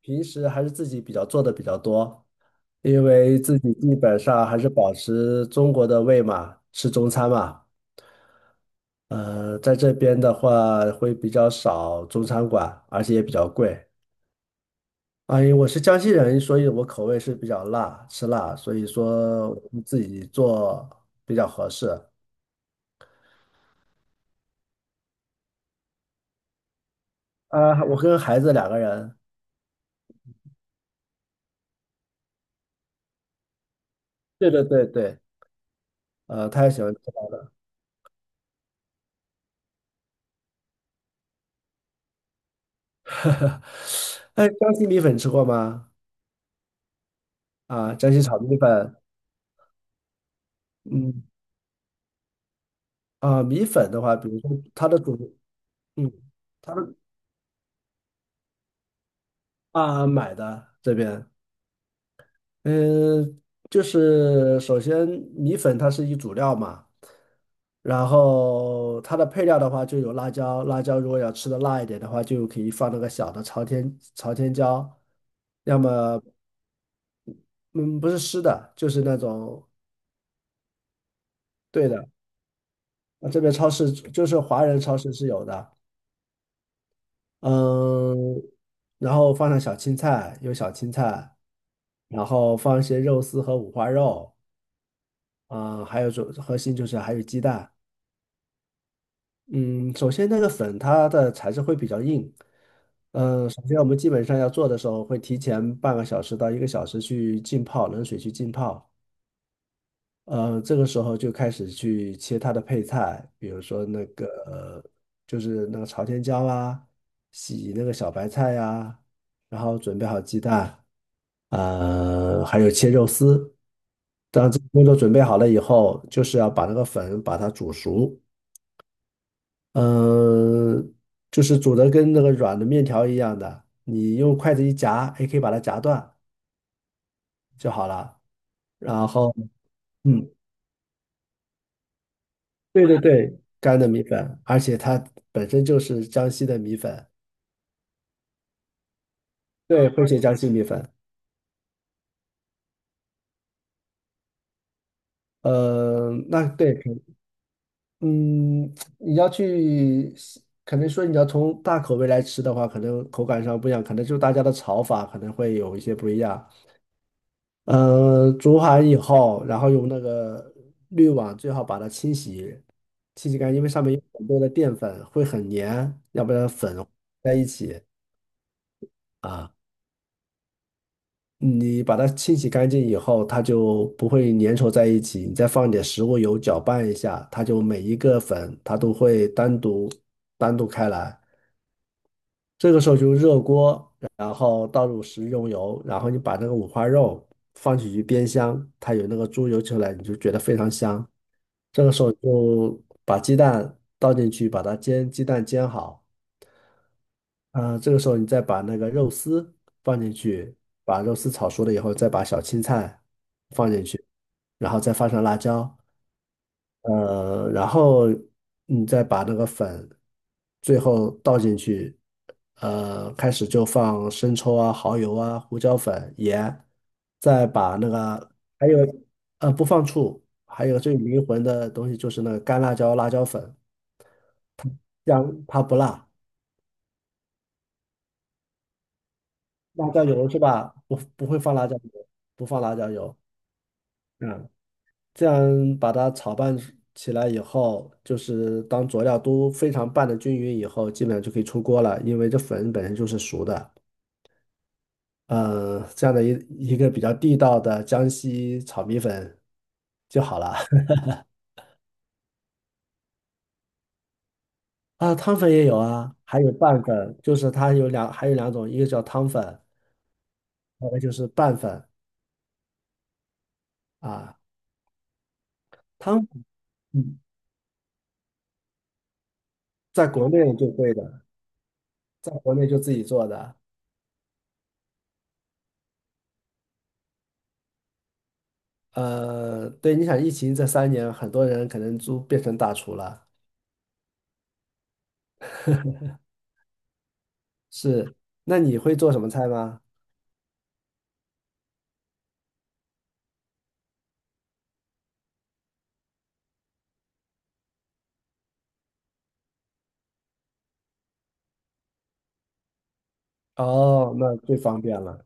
平时还是自己比较做的比较多，因为自己基本上还是保持中国的胃嘛，吃中餐嘛。在这边的话会比较少中餐馆，而且也比较贵。啊，因为我是江西人，所以我口味是比较辣，吃辣，所以说我们自己做比较合适。啊，我跟孩子两个人，对对对对，他也喜欢吃辣。哎，江西米粉吃过吗？啊，江西炒米粉，嗯。啊，米粉的话，比如说它的主，嗯，它的啊买的这边，嗯，就是首先米粉它是一主料嘛，然后它的配料的话就有辣椒，辣椒如果要吃的辣一点的话，就可以放那个小的朝天椒，要么嗯不是湿的，就是那种对的，啊这边超市就是华人超市是有的，嗯，然后放上小青菜，有小青菜。然后放一些肉丝和五花肉，啊、还有主核心就是还有鸡蛋。嗯，首先那个粉它的材质会比较硬，嗯、首先我们基本上要做的时候会提前半个小时到1个小时去浸泡，冷水去浸泡。呃，这个时候就开始去切它的配菜，比如说那个就是那个朝天椒啊，洗那个小白菜呀、然后准备好鸡蛋，还有切肉丝。当这个工作准备好了以后，就是要把那个粉把它煮熟，嗯，就是煮的跟那个软的面条一样的，你用筷子一夹，也可以把它夹断就好了。然后，嗯，对对对，干的米粉，而且它本身就是江西的米粉，对，会写江西米粉。那对，可嗯，你要去，可能说你要从大口味来吃的话，可能口感上不一样，可能就大家的炒法可能会有一些不一样。嗯，煮好以后，然后用那个滤网最好把它清洗，清洗干净，因为上面有很多的淀粉，会很粘，要不然粉在一起啊。你把它清洗干净以后，它就不会粘稠在一起。你再放点食物油搅拌一下，它就每一个粉它都会单独开来。这个时候就热锅，然后倒入食用油，然后你把那个五花肉放进去煸香，它有那个猪油出来，你就觉得非常香。这个时候就把鸡蛋倒进去，把它煎，鸡蛋煎好。啊、这个时候你再把那个肉丝放进去，把肉丝炒熟了以后，再把小青菜放进去，然后再放上辣椒。然后你再把那个粉最后倒进去，开始就放生抽啊、蚝油啊、胡椒粉、盐，再把那个还有不放醋，还有最灵魂的东西就是那个干辣椒、辣椒粉，这样它不辣。辣椒油是吧？不会放辣椒油，不放辣椒油。嗯。这样把它炒拌起来以后，就是当佐料都非常拌的均匀以后，基本上就可以出锅了，因为这粉本身就是熟的。呃，这样的一个比较地道的江西炒米粉就好了。啊，汤粉也有啊，还有拌粉，就是它有两，还有两种，一个叫汤粉，还有一个就是拌粉啊。汤粉，嗯在国内就会的，在国内就自己做的。对，你想疫情这3年，很多人可能都变成大厨了。是，那你会做什么菜吗？哦，那最方便了。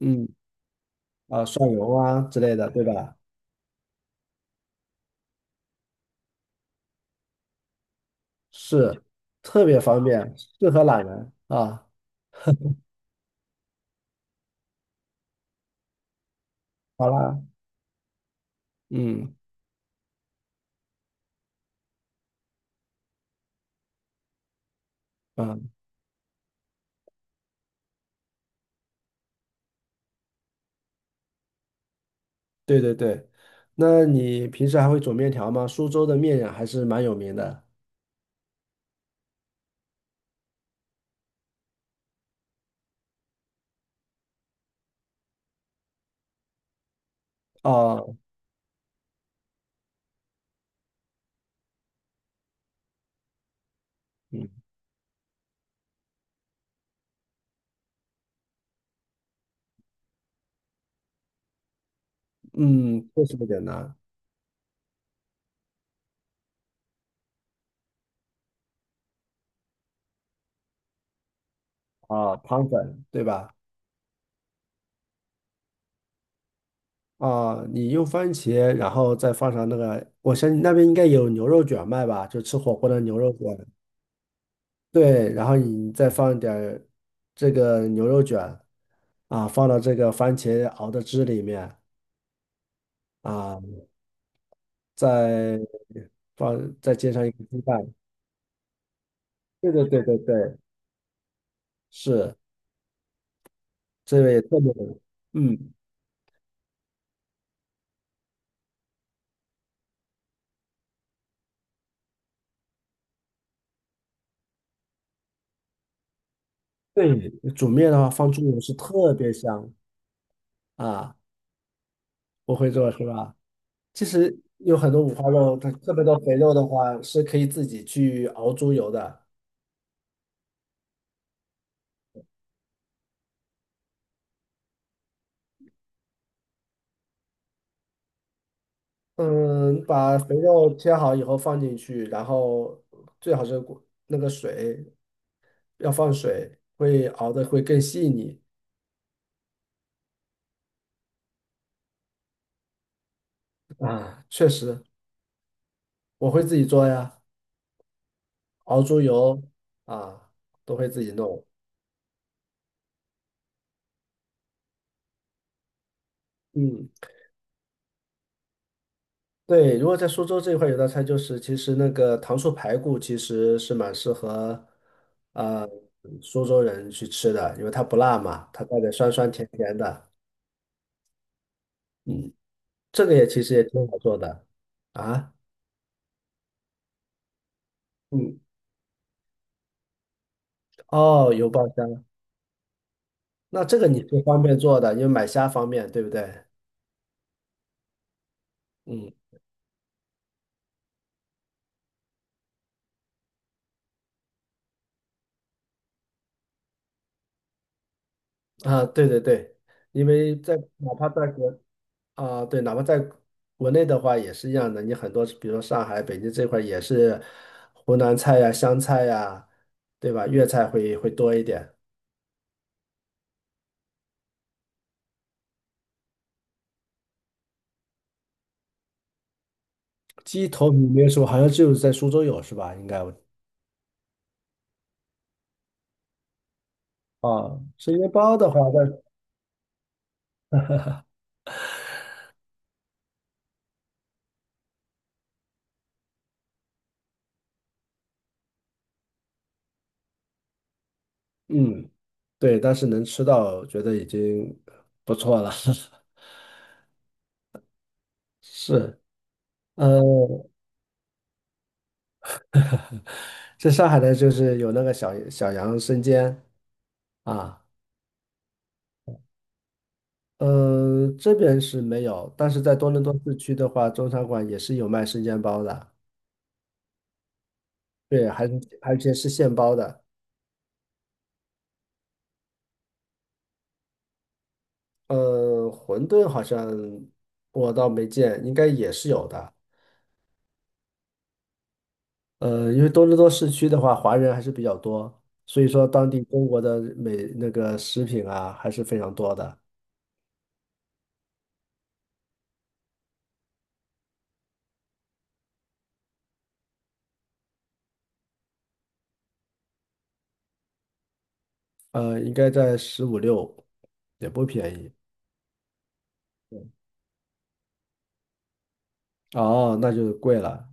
嗯，啊，蒜蓉啊之类的，对吧？是，特别方便，适合懒人啊。好啦，嗯嗯，对对对。那你平时还会煮面条吗？苏州的面还是蛮有名的。哦，嗯嗯，这是不简单啊，汤粉对吧？啊，你用番茄，然后再放上那个，我相信那边应该有牛肉卷卖吧，就吃火锅的牛肉卷。对，然后你再放一点儿这个牛肉卷啊，放到这个番茄熬的汁里面啊，再放再煎上一个鸡蛋。对对对对对，是，这个也特别，嗯，对，煮面的话放猪油是特别香啊，我会做是吧？其实有很多五花肉，它特别多肥肉的话是可以自己去熬猪油的。嗯，把肥肉切好以后放进去，然后最好是过那个水要放水，会熬的会更细腻啊。确实，我会自己做呀，熬猪油啊，都会自己弄。嗯，对，如果在苏州这一块有道菜，就是其实那个糖醋排骨其实是蛮适合呃苏州人去吃的，因为它不辣嘛，它带点酸酸甜甜的。嗯，这个也其实也挺好做的啊。嗯。哦，油爆虾，那这个你是方便做的，因为买虾方便，对不对？嗯，啊，对对对，因为在哪怕在国啊，对，哪怕在国内的话也是一样的，你很多比如说上海、北京这块儿也是湖南菜呀、湘菜呀，对吧？粤菜会多一点。鸡头米没有说，好像只有在苏州有是吧？应该我啊，生煎包的话，但嗯，对，但是能吃到，觉得已经不错了。是，呃，在上海的就是有那个小小羊生煎啊，这边是没有，但是在多伦多市区的话，中餐馆也是有卖生煎包的，对，还是而且是现包的。馄饨好像我倒没见，应该也是有的。因为多伦多市区的话，华人还是比较多，所以说当地中国的美那个食品啊还是非常多的。应该在15、16，也不便宜。哦，那就贵了。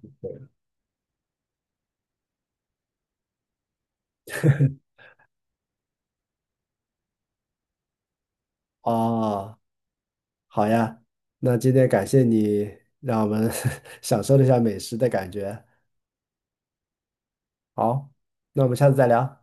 哦，好呀，那今天感谢你，让我们 享受了一下美食的感觉。好，那我们下次再聊。